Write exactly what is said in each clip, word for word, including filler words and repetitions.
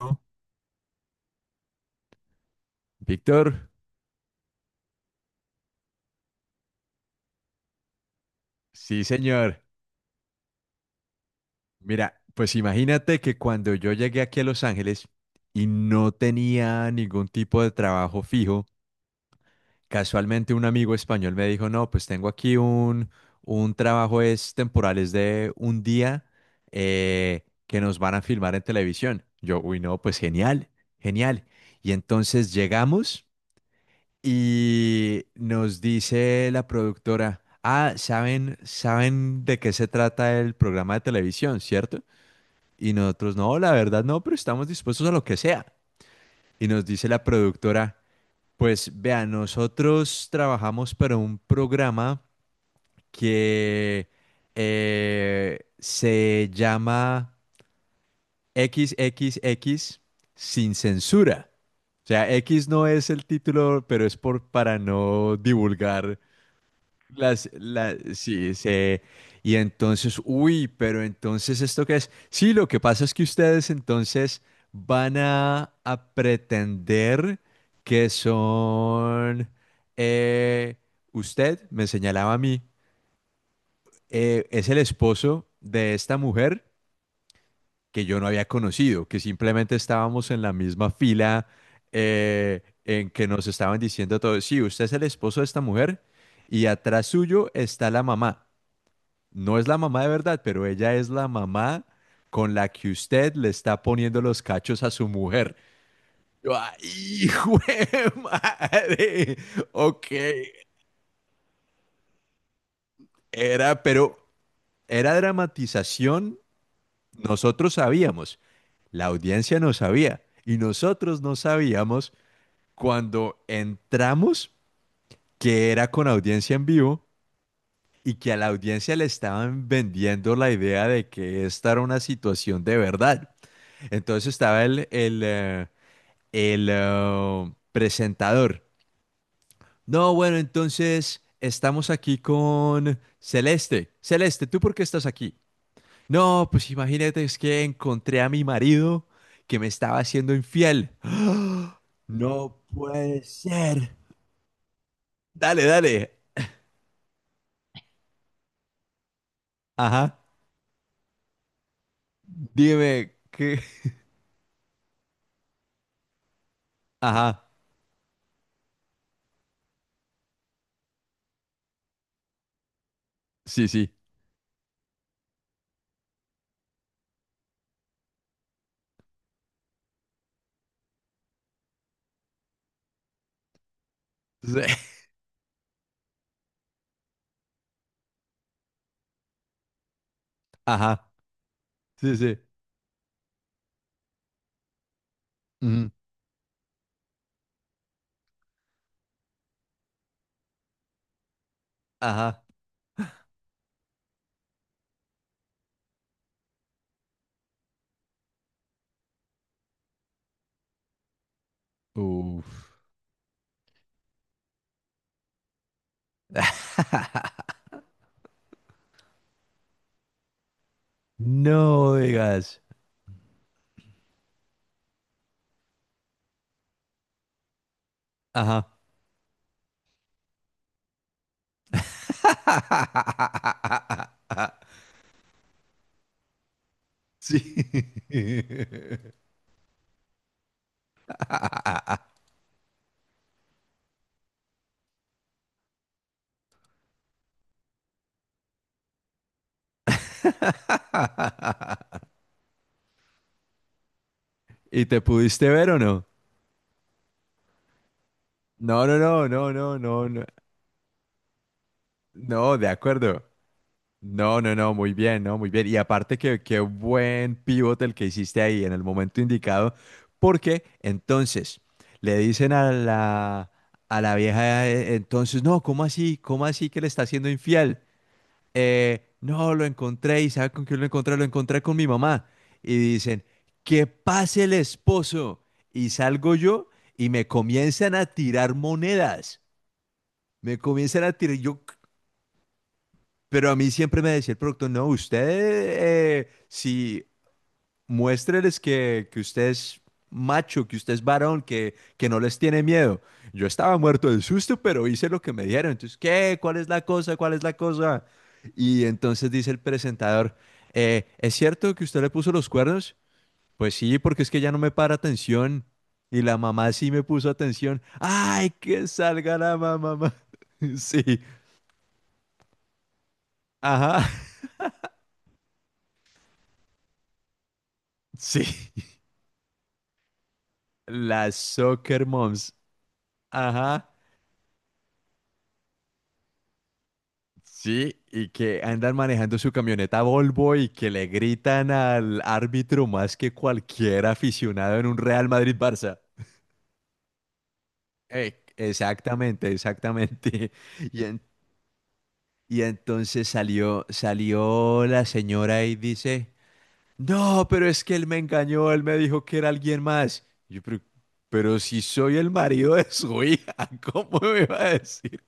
¿No? Víctor, sí, señor. Mira, pues imagínate que cuando yo llegué aquí a Los Ángeles y no tenía ningún tipo de trabajo fijo, casualmente un amigo español me dijo, no, pues tengo aquí un, un trabajo es temporal, es de un día eh, que nos van a filmar en televisión. Yo, uy, no, pues genial, genial. Y entonces llegamos. Y nos dice la productora, ah, ¿saben, saben de qué se trata el programa de televisión, cierto? Y nosotros, no, la verdad no, pero estamos dispuestos a lo que sea. Y nos dice la productora, pues vea, nosotros trabajamos para un programa que eh, se llama equis equis equis sin censura. O sea, X no es el título, pero es por, para no divulgar Las, la- sí, se, y entonces, uy, pero entonces, ¿esto qué es? Sí, lo que pasa es que ustedes entonces van a, a pretender que son, eh, usted me señalaba a mí, eh, es el esposo de esta mujer que yo no había conocido, que simplemente estábamos en la misma fila eh, en que nos estaban diciendo todo sí, usted es el esposo de esta mujer y atrás suyo está la mamá. No es la mamá de verdad, pero ella es la mamá con la que usted le está poniendo los cachos a su mujer. Yo, "Ay, ¡hijo de madre! Ok, era, pero era dramatización. Nosotros sabíamos, la audiencia no sabía, y nosotros no sabíamos cuando entramos que era con audiencia en vivo y que a la audiencia le estaban vendiendo la idea de que esta era una situación de verdad. Entonces estaba el, el, eh, el, eh, presentador. No, bueno, entonces estamos aquí con Celeste. Celeste, ¿tú por qué estás aquí? No, pues imagínate, es que encontré a mi marido que me estaba haciendo infiel. ¡Ah! No puede ser. Dale, dale. Ajá. Dime qué. Ajá. Sí, sí. Sí. Ajá. Sí, sí. Ujú. Ajá. Uf. No digas. Ajá. Sí. ¿Y te pudiste ver o no? No, no, no, no, no, no, no. No, de acuerdo. No, no, no, muy bien, no, muy bien. Y aparte que qué buen pivote el que hiciste ahí en el momento indicado, porque entonces le dicen a la a la vieja eh, entonces, no, ¿cómo así? ¿Cómo así que le está siendo infiel? eh, no, lo encontré y ¿sabe con quién lo encontré? Lo encontré con mi mamá. Y dicen, que pase el esposo. Y salgo yo y me comienzan a tirar monedas. Me comienzan a tirar, yo, pero a mí siempre me decía el productor, no, usted, eh, si muéstreles que, que usted es macho, que usted es varón, que, que no les tiene miedo. Yo estaba muerto de susto, pero hice lo que me dijeron. Entonces, ¿qué? ¿Cuál es la cosa? ¿Cuál es la cosa? Y entonces dice el presentador, "Eh, ¿es cierto que usted le puso los cuernos? Pues sí, porque es que ya no me para atención. Y la mamá sí me puso atención. ¡Ay, que salga la mamá! Sí, ajá, sí. Las soccer moms, ajá. Sí, y que andan manejando su camioneta Volvo y que le gritan al árbitro más que cualquier aficionado en un Real Madrid-Barça. Eh, exactamente, exactamente. Y, en- y entonces salió, salió la señora y dice, no, pero es que él me engañó, él me dijo que era alguien más. Y yo, pero, pero si soy el marido de su hija, ¿cómo me va a decir?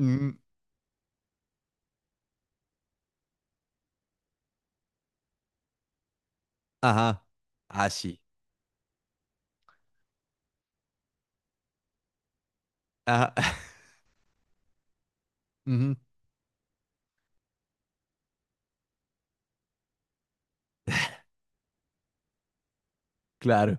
Mm, ajá, así. Ajá, ujú, claro.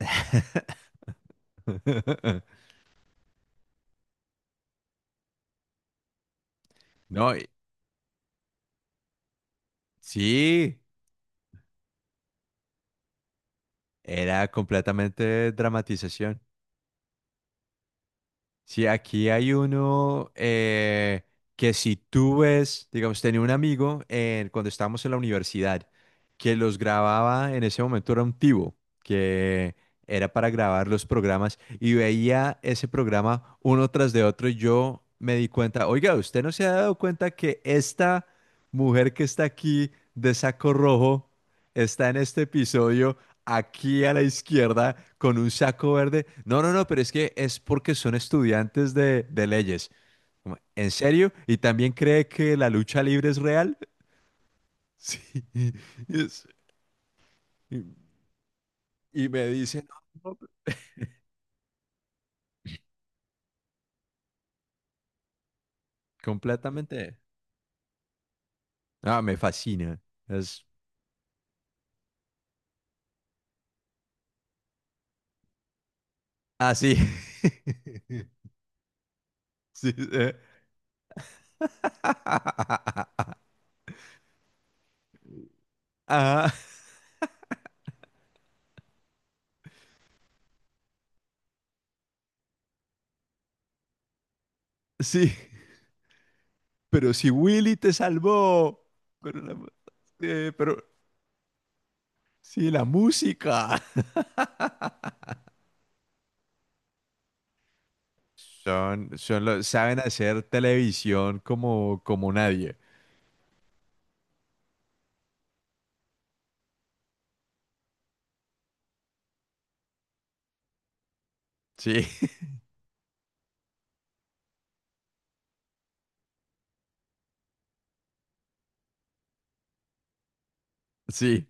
No, y- sí, era completamente dramatización. Sí, aquí hay uno eh, que si tú ves, digamos, tenía un amigo eh, cuando estábamos en la universidad que los grababa, en ese momento era un tivo, que era para grabar los programas y veía ese programa uno tras de otro y yo me di cuenta, oiga, ¿usted no se ha dado cuenta que esta mujer que está aquí de saco rojo está en este episodio? Aquí a la izquierda con un saco verde. No, no, no, pero es que es porque son estudiantes de, de leyes. Como, ¿en serio? ¿Y también cree que la lucha libre es real? Sí. Y, es- y- y me dice, no, no, completamente. Ah, me fascina. Es así. Sí. Eh. Ah, sí. Pero si Willy te salvó. Pero, la mu- eh, pero si la música. Son, son los, saben hacer televisión como, como nadie. Sí, sí.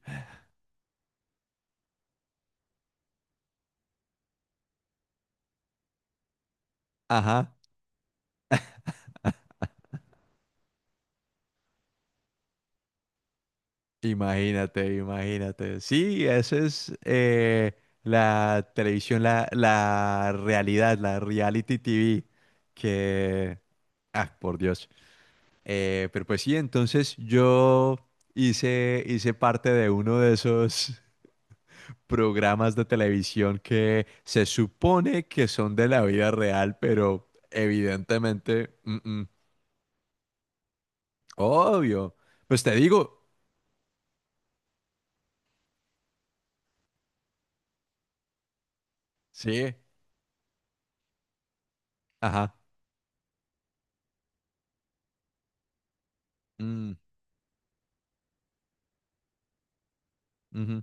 Ajá. Imagínate, imagínate. Sí, esa es eh, la televisión, la, la realidad, la reality T V que... Ah, por Dios. Eh, pero pues sí, entonces yo hice, hice parte de uno de esos, programas de televisión que se supone que son de la vida real, pero evidentemente, mm, mm, obvio. Pues te digo, sí, ajá, mm, ujú,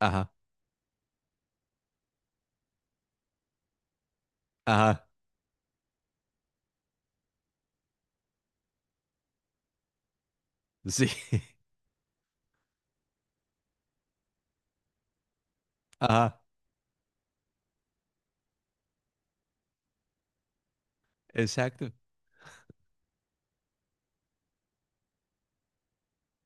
ajá, ajá, sí, ajá, exacto.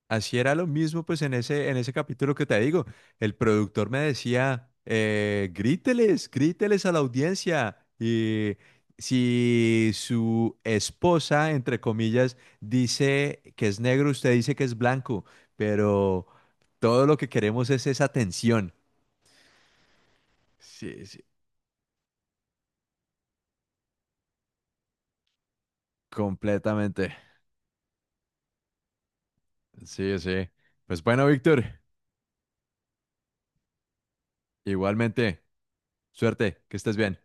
Así era lo mismo, pues en ese, en ese capítulo que te digo, el productor me decía, eh, gríteles, gríteles a la audiencia. Y si su esposa, entre comillas, dice que es negro, usted dice que es blanco, pero todo lo que queremos es esa tensión. Sí, sí, completamente. Sí, sí. Pues bueno, Víctor, igualmente, suerte, que estés bien.